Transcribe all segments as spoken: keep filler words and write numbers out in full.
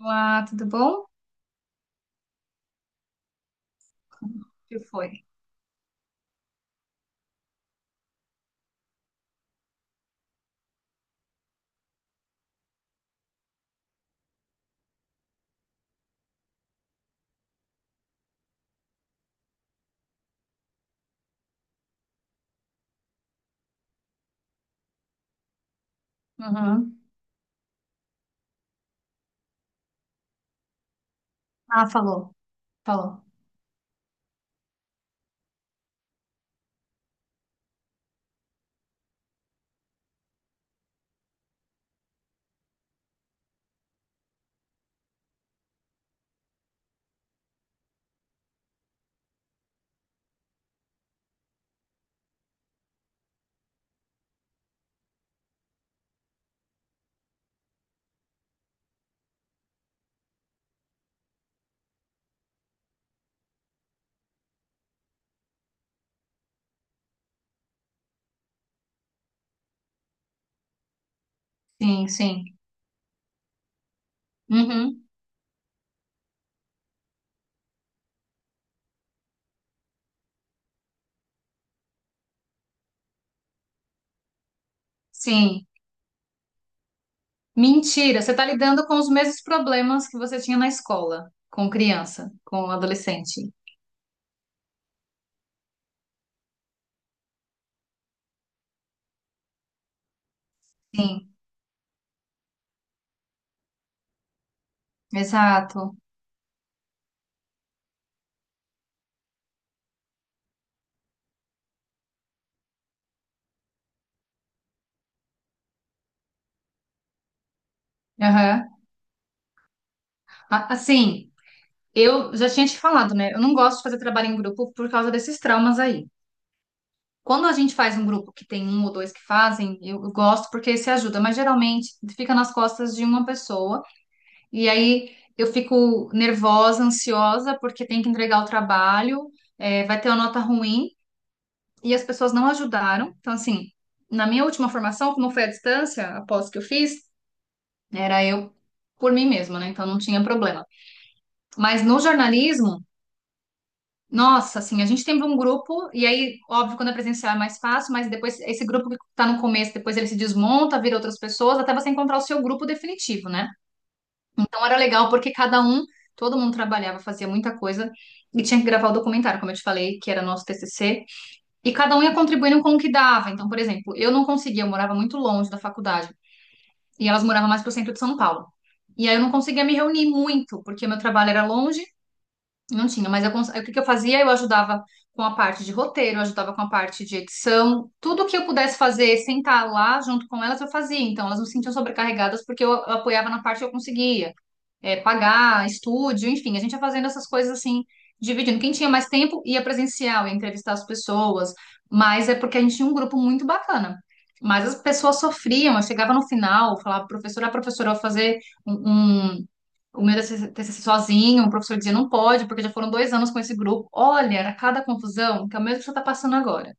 Olá, tudo bom? O que foi? Uhum. Ah, falou, falou. Sim, sim. Uhum. Sim. Mentira, você está lidando com os mesmos problemas que você tinha na escola, com criança, com adolescente. Sim, exato. Aham. A- Assim, eu já tinha te falado, né? Eu não gosto de fazer trabalho em grupo por causa desses traumas aí. Quando a gente faz um grupo que tem um ou dois que fazem, eu eu gosto porque se ajuda, mas geralmente fica nas costas de uma pessoa. E aí eu fico nervosa, ansiosa, porque tem que entregar o trabalho, é, vai ter uma nota ruim, e as pessoas não ajudaram. Então, assim, na minha última formação, como foi à distância, após que eu fiz, era eu por mim mesma, né? Então não tinha problema. Mas no jornalismo, nossa, assim, a gente tem um grupo, e aí, óbvio, quando é presencial é mais fácil, mas depois esse grupo que tá no começo, depois ele se desmonta, vira outras pessoas, até você encontrar o seu grupo definitivo, né? Então era legal porque cada um, todo mundo trabalhava, fazia muita coisa e tinha que gravar o documentário, como eu te falei, que era nosso T C C, e cada um ia contribuindo com o que dava. Então, por exemplo, eu não conseguia, eu morava muito longe da faculdade e elas moravam mais pro centro de São Paulo. E aí eu não conseguia me reunir muito, porque meu trabalho era longe, não tinha, mas eu cons- aí o que que eu fazia? Eu ajudava com a parte de roteiro, eu ajudava com a parte de edição, tudo que eu pudesse fazer, sentar lá junto com elas, eu fazia. Então, elas não se sentiam sobrecarregadas porque eu eu apoiava na parte que eu conseguia é, pagar estúdio, enfim, a gente ia fazendo essas coisas assim, dividindo. Quem tinha mais tempo ia presencial, ia entrevistar as pessoas, mas é porque a gente tinha um grupo muito bacana. Mas as pessoas sofriam, eu chegava no final, falava, professora, a professora, eu vou fazer um, um- o meu T C C sozinho, o professor dizia, não pode, porque já foram dois anos com esse grupo. Olha, era cada confusão, que é o mesmo que você está passando agora.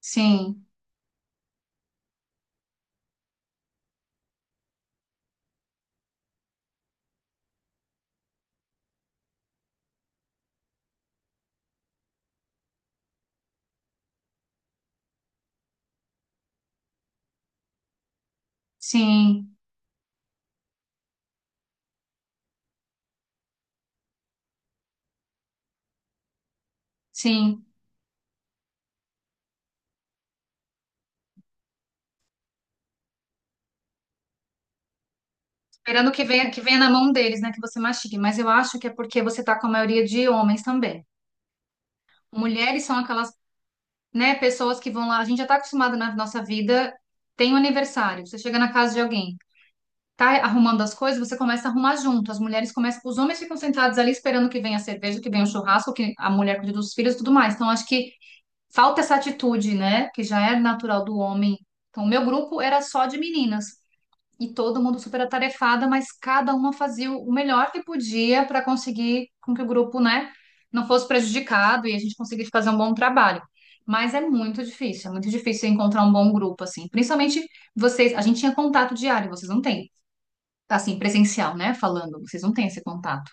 Sim, sim, sim. Esperando que venha, que venha na mão deles, né, que você mastigue. Mas eu acho que é porque você está com a maioria de homens também. Mulheres são aquelas, né, pessoas que vão lá. A gente já está acostumado na nossa vida. Tem um aniversário, você chega na casa de alguém, tá arrumando as coisas, você começa a arrumar junto. As mulheres começam, os homens ficam sentados ali esperando que venha a cerveja, que venha o churrasco, que a mulher cuide dos filhos, e tudo mais. Então acho que falta essa atitude, né, que já é natural do homem. Então o meu grupo era só de meninas e todo mundo super atarefada, mas cada uma fazia o melhor que podia para conseguir com que o grupo, né, não fosse prejudicado e a gente conseguisse fazer um bom trabalho. Mas é muito difícil, é muito difícil encontrar um bom grupo assim. Principalmente vocês, a gente tinha contato diário, vocês não têm. Assim, presencial, né, falando, vocês não têm esse contato.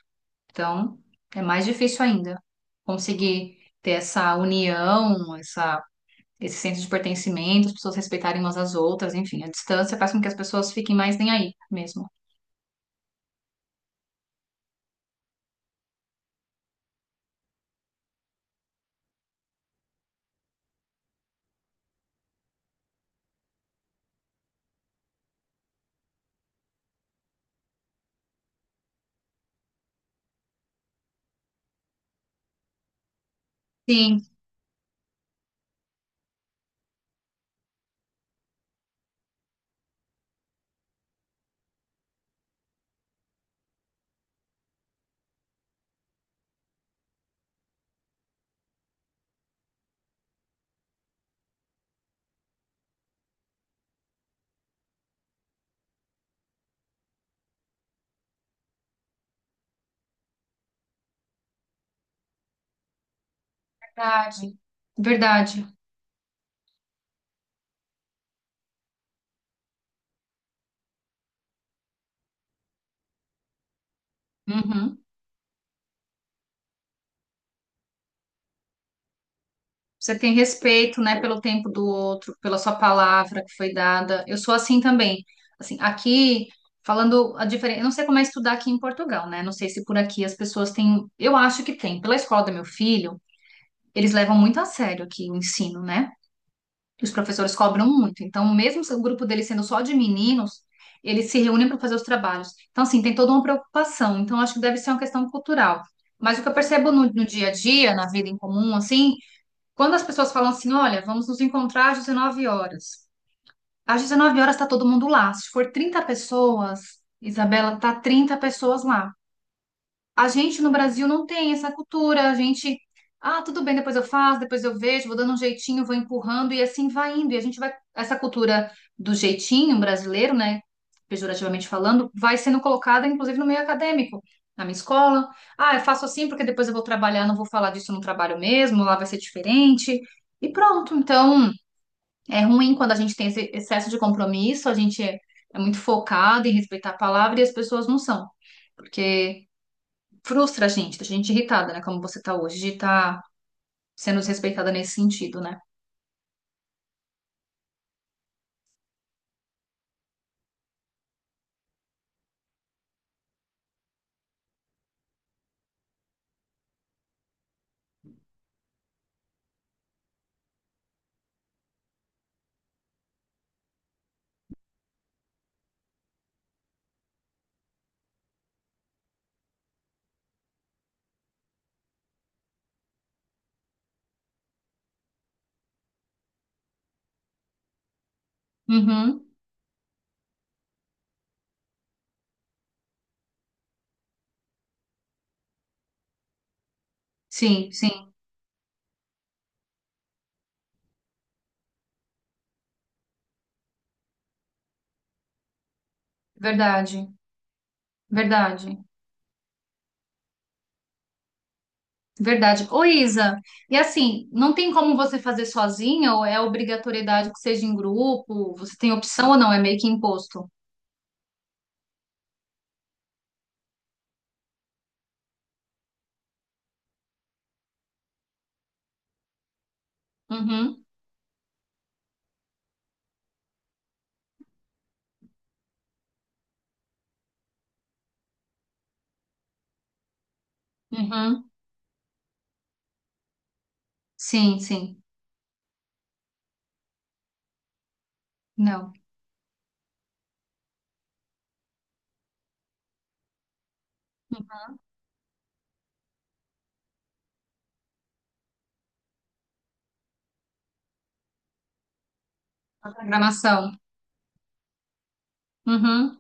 Então, é mais difícil ainda conseguir ter essa união, essa esse senso de pertencimento, as pessoas respeitarem umas às outras, enfim, a distância faz com que as pessoas fiquem mais nem aí mesmo. Sim, verdade, verdade. Uhum. Você tem respeito, né, pelo tempo do outro, pela sua palavra que foi dada. Eu sou assim também. Assim, aqui, falando a diferença, eu não sei como é estudar aqui em Portugal, né? Não sei se por aqui as pessoas têm, eu acho que tem. Pela escola do meu filho, eles levam muito a sério aqui o ensino, né? Os professores cobram muito. Então, mesmo se o grupo dele sendo só de meninos, eles se reúnem para fazer os trabalhos. Então, assim, tem toda uma preocupação. Então, acho que deve ser uma questão cultural. Mas o que eu percebo no, no dia a dia, na vida em comum, assim, quando as pessoas falam assim, olha, vamos nos encontrar às dezenove horas. Às dezenove horas está todo mundo lá. Se for trinta pessoas, Isabela, tá trinta pessoas lá. A gente no Brasil não tem essa cultura. A gente, ah, tudo bem, depois eu faço, depois eu vejo, vou dando um jeitinho, vou empurrando e assim vai indo. E a gente vai, essa cultura do jeitinho brasileiro, né, pejorativamente falando, vai sendo colocada, inclusive, no meio acadêmico. Na minha escola, ah, eu faço assim porque depois eu vou trabalhar, não vou falar disso no trabalho mesmo, lá vai ser diferente. E pronto. Então, é ruim quando a gente tem esse excesso de compromisso, a gente é é muito focado em respeitar a palavra e as pessoas não são. Porque frustra a gente, deixa a gente irritada, né? Como você tá hoje, de estar sendo desrespeitada nesse sentido, né? Uhum. Sim, sim, verdade, verdade, verdade. Ô, Isa, e assim, não tem como você fazer sozinha ou é obrigatoriedade que seja em grupo? Você tem opção ou não? É meio que imposto. Uhum, uhum. Sim, sim. Não. A programação. Uhum.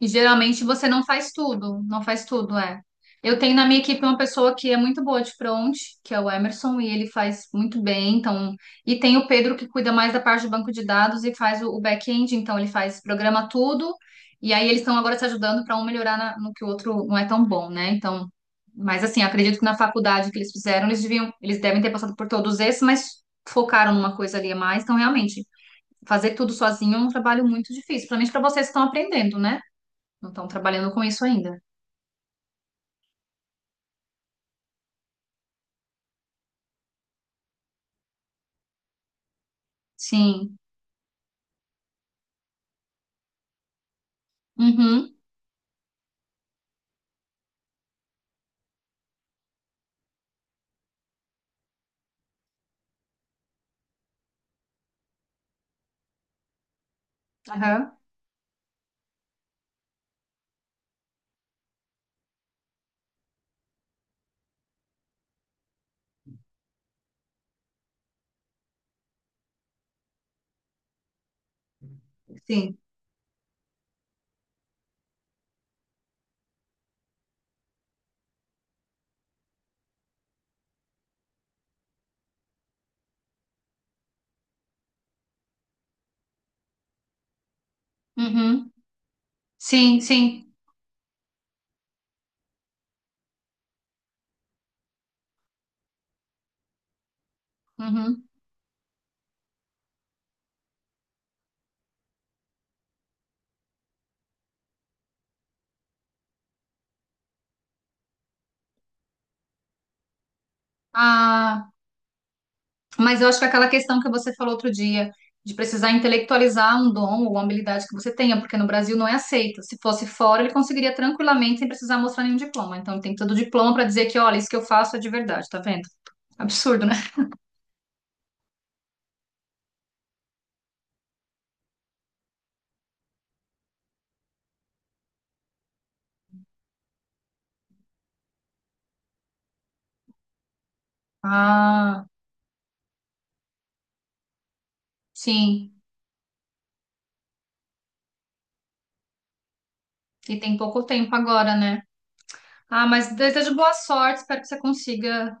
E geralmente você não faz tudo, não faz tudo, é. Eu tenho na minha equipe uma pessoa que é muito boa de front, que é o Emerson, e ele faz muito bem, então, e tem o Pedro que cuida mais da parte do banco de dados e faz o, o back-end, então ele faz, programa tudo, e aí eles estão agora se ajudando para um melhorar na- no que o outro não é tão bom, né? Então, mas assim, acredito que na faculdade que eles fizeram, eles deviam, eles devem ter passado por todos esses, mas focaram numa coisa ali a mais, então realmente fazer tudo sozinho é um trabalho muito difícil, principalmente para vocês que estão aprendendo, né? Não estão trabalhando com isso ainda. Sim. Uhum. Aham. Sim. Uhum. Sim, sim. Uhum. Ah, mas eu acho que aquela questão que você falou outro dia, de precisar intelectualizar um dom ou uma habilidade que você tenha, porque no Brasil não é aceito. Se fosse fora, ele conseguiria tranquilamente sem precisar mostrar nenhum diploma. Então, ele tem todo o diploma para dizer que, olha, isso que eu faço é de verdade, tá vendo? Absurdo, né? Ah, sim. E tem pouco tempo agora, né? Ah, mas desejo boa sorte, espero que você consiga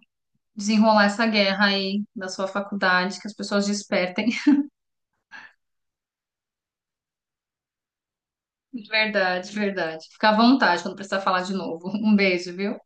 desenrolar essa guerra aí da sua faculdade, que as pessoas despertem. Verdade, verdade. Fica à vontade quando precisar falar de novo. Um beijo, viu?